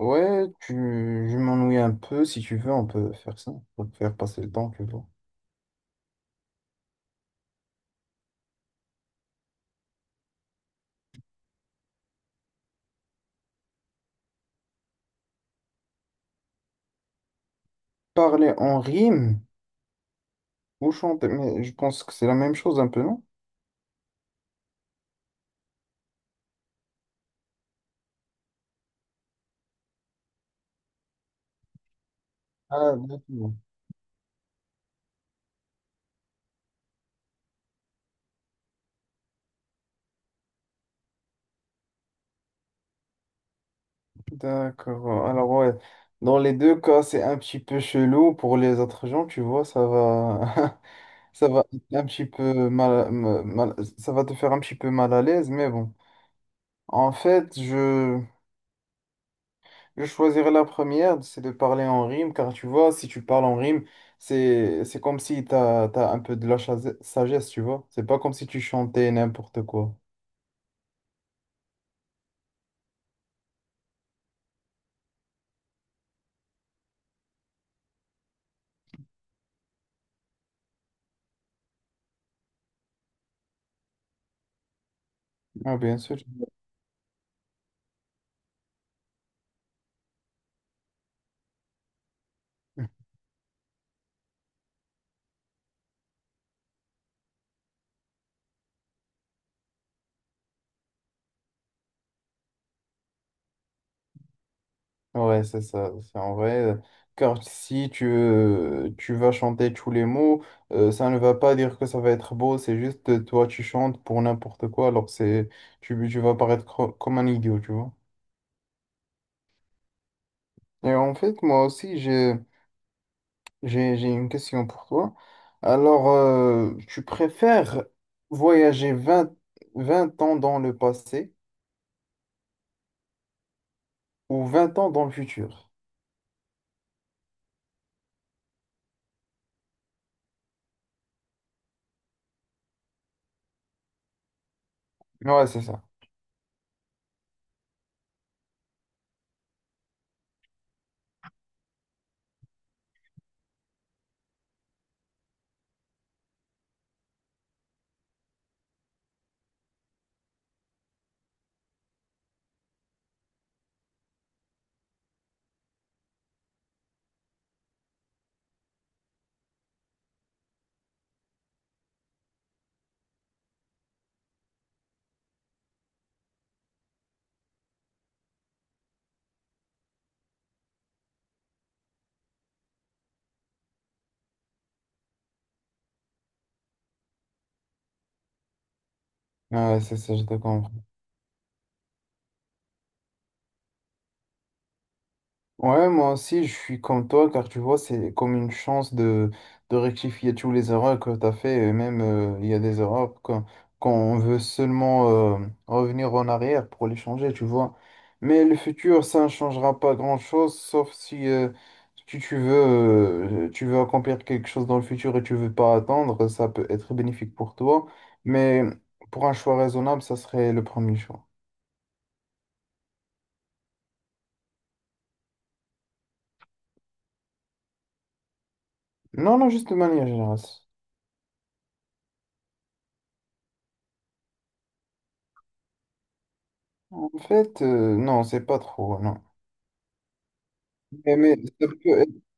Ouais, je m'ennuie un peu. Si tu veux, on peut faire ça. Pour faire passer le temps, tu vois. Parler en rime ou chanter. Mais je pense que c'est la même chose un peu, non? Ah, d'accord. D'accord. Alors, ouais. Dans les deux cas, c'est un petit peu chelou. Pour les autres gens, tu vois, ça va. Ça va être un petit peu Ça va te faire un petit peu mal à l'aise. Mais bon. En fait, je. Je choisirais la première, c'est de parler en rime, car tu vois, si tu parles en rime, c'est comme si tu as, un peu de la sagesse, tu vois. C'est pas comme si tu chantais n'importe quoi. Ah, bien sûr. Ouais, c'est ça, c'est en vrai. Car si tu vas chanter tous les mots, ça ne va pas dire que ça va être beau, c'est juste toi tu chantes pour n'importe quoi, alors tu vas paraître comme un idiot, tu vois. Et en fait, moi aussi, j'ai. J'ai une question pour toi. Alors, tu préfères voyager vingt ans dans le passé ou vingt ans dans le futur? Ouais, c'est ça. Ouais, c'est ça, je te comprends. Ouais, moi aussi, je suis comme toi, car tu vois, c'est comme une chance de rectifier tous les erreurs que tu as fait. Et même, il y a des erreurs quand on veut seulement revenir en arrière pour les changer, tu vois. Mais le futur, ça ne changera pas grand-chose, sauf si tu veux, tu veux accomplir quelque chose dans le futur et tu veux pas attendre, ça peut être bénéfique pour toi. Mais pour un choix raisonnable, ça serait le premier choix. Non, non, juste de manière générale. En fait, non, c'est pas trop, non. Mais, ça peut être-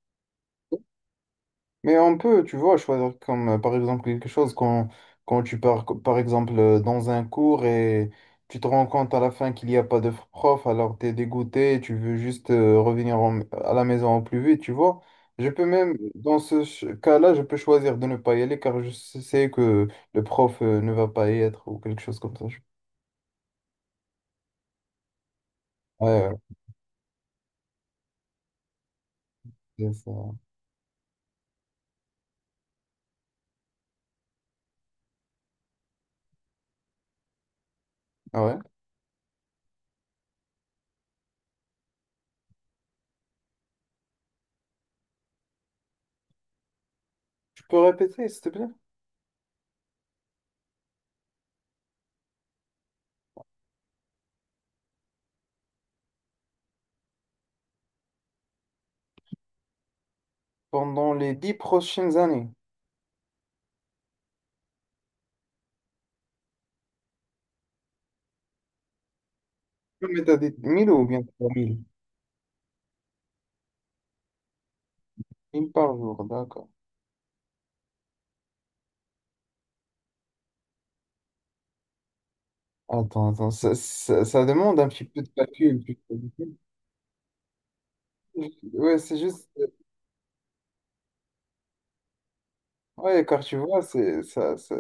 mais on peut, tu vois, choisir comme par exemple quelque chose quand tu pars, par exemple, dans un cours et tu te rends compte à la fin qu'il n'y a pas de prof, alors tu es dégoûté, tu veux juste revenir à la maison au plus vite, tu vois. Je peux même, dans ce cas-là, je peux choisir de ne pas y aller car je sais que le prof ne va pas y être ou quelque chose comme ça. Je- Ouais, ouais, c'est ça. Ah ouais. Tu peux répéter, s'il te plaît? Pendant les dix prochaines années. Non, mais t'as dit 1000 ou bien trois mille. Une par jour, d'accord. Attends, attends, ça demande un petit peu de calcul. Tu Ouais, c'est juste. Ouais, car tu vois, c'est ça,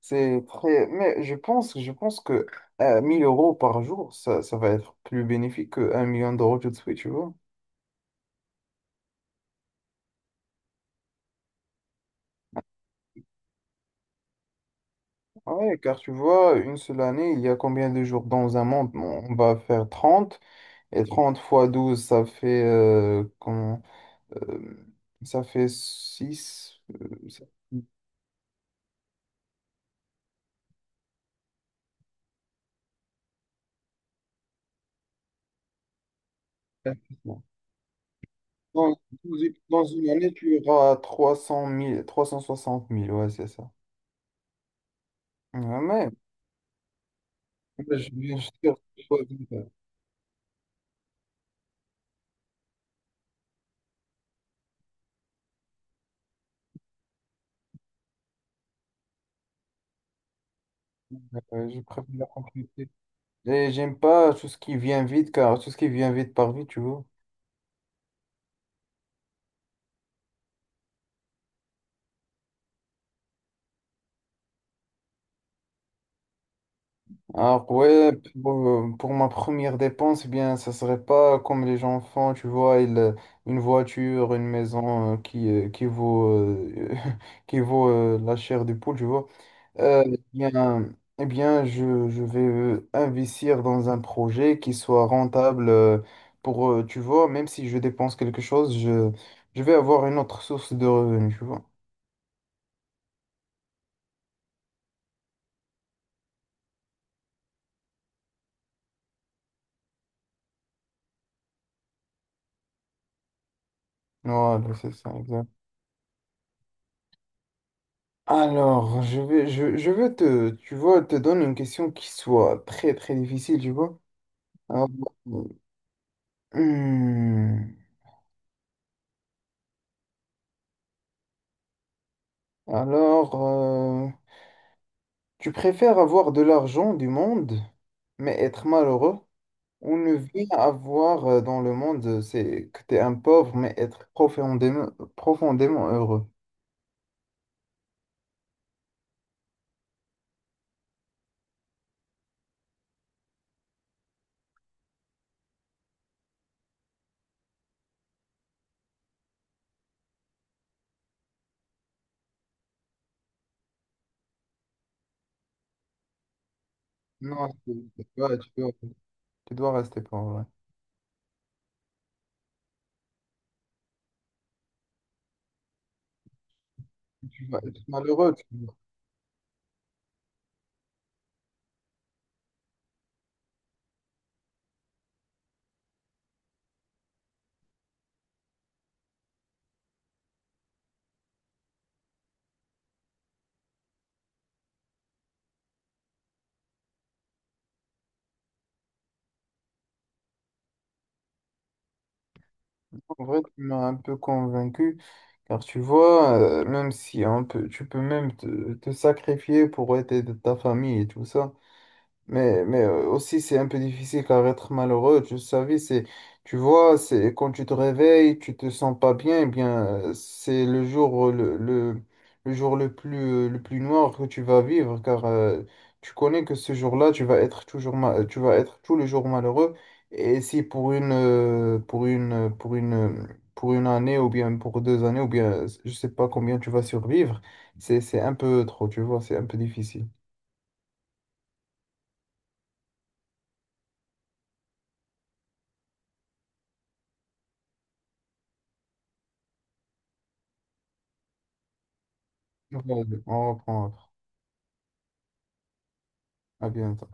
c'est très. Mais je pense que 1000 euros par jour, ça va être plus bénéfique que 1 million d'euros tout de suite, tu vois. Ouais, car tu vois, une seule année, il y a combien de jours dans un monde? Bon, on va faire trente et 30 fois 12 ça euh, ça fait six. Dans, douze dans une année, tu auras 360 000, ouais, c'est ça. Ouais, mais je je préfère la continuité. Et j'aime pas tout ce qui vient vite, car tout ce qui vient vite par vite, tu vois. Alors ouais, bon, pour ma première dépense, eh bien, ça serait pas comme les gens font, tu vois, ils, une voiture, une maison qui vaut, qui vaut la chair du poule, tu vois. Euh, eh bien, je vais investir dans un projet qui soit rentable tu vois, même si je dépense quelque chose, je vais avoir une autre source de revenus, tu vois. Voilà, c'est ça. Alors, je vais tu vois, te donner une question qui soit très, très difficile, tu vois. Alors, hmm, alors, tu préfères avoir de l'argent du monde, mais être malheureux, ou ne rien avoir dans le monde, c'est que tu es un pauvre, mais être profondément, profondément heureux. Non, tu dois rester pauvre. Ouais. Tu vas être malheureux. Tu- En vrai, tu m'as un peu convaincu. Car tu vois, même si hein, tu peux même te sacrifier pour aider ta famille et tout ça. Mais aussi, c'est un peu difficile car être malheureux, tu savais, c'est, tu vois, c'est quand tu te réveilles, tu te sens pas bien, eh bien, c'est le le jour le plus noir que tu vas vivre car tu connais que ce jour-là, tu vas être tu vas être tout le jour malheureux. Et si pour une, pour une, pour une, pour une année ou bien pour deux années ou bien, je sais pas combien tu vas survivre, c'est un peu trop, tu vois, c'est un peu difficile. Ouais, on reprend après. À bientôt.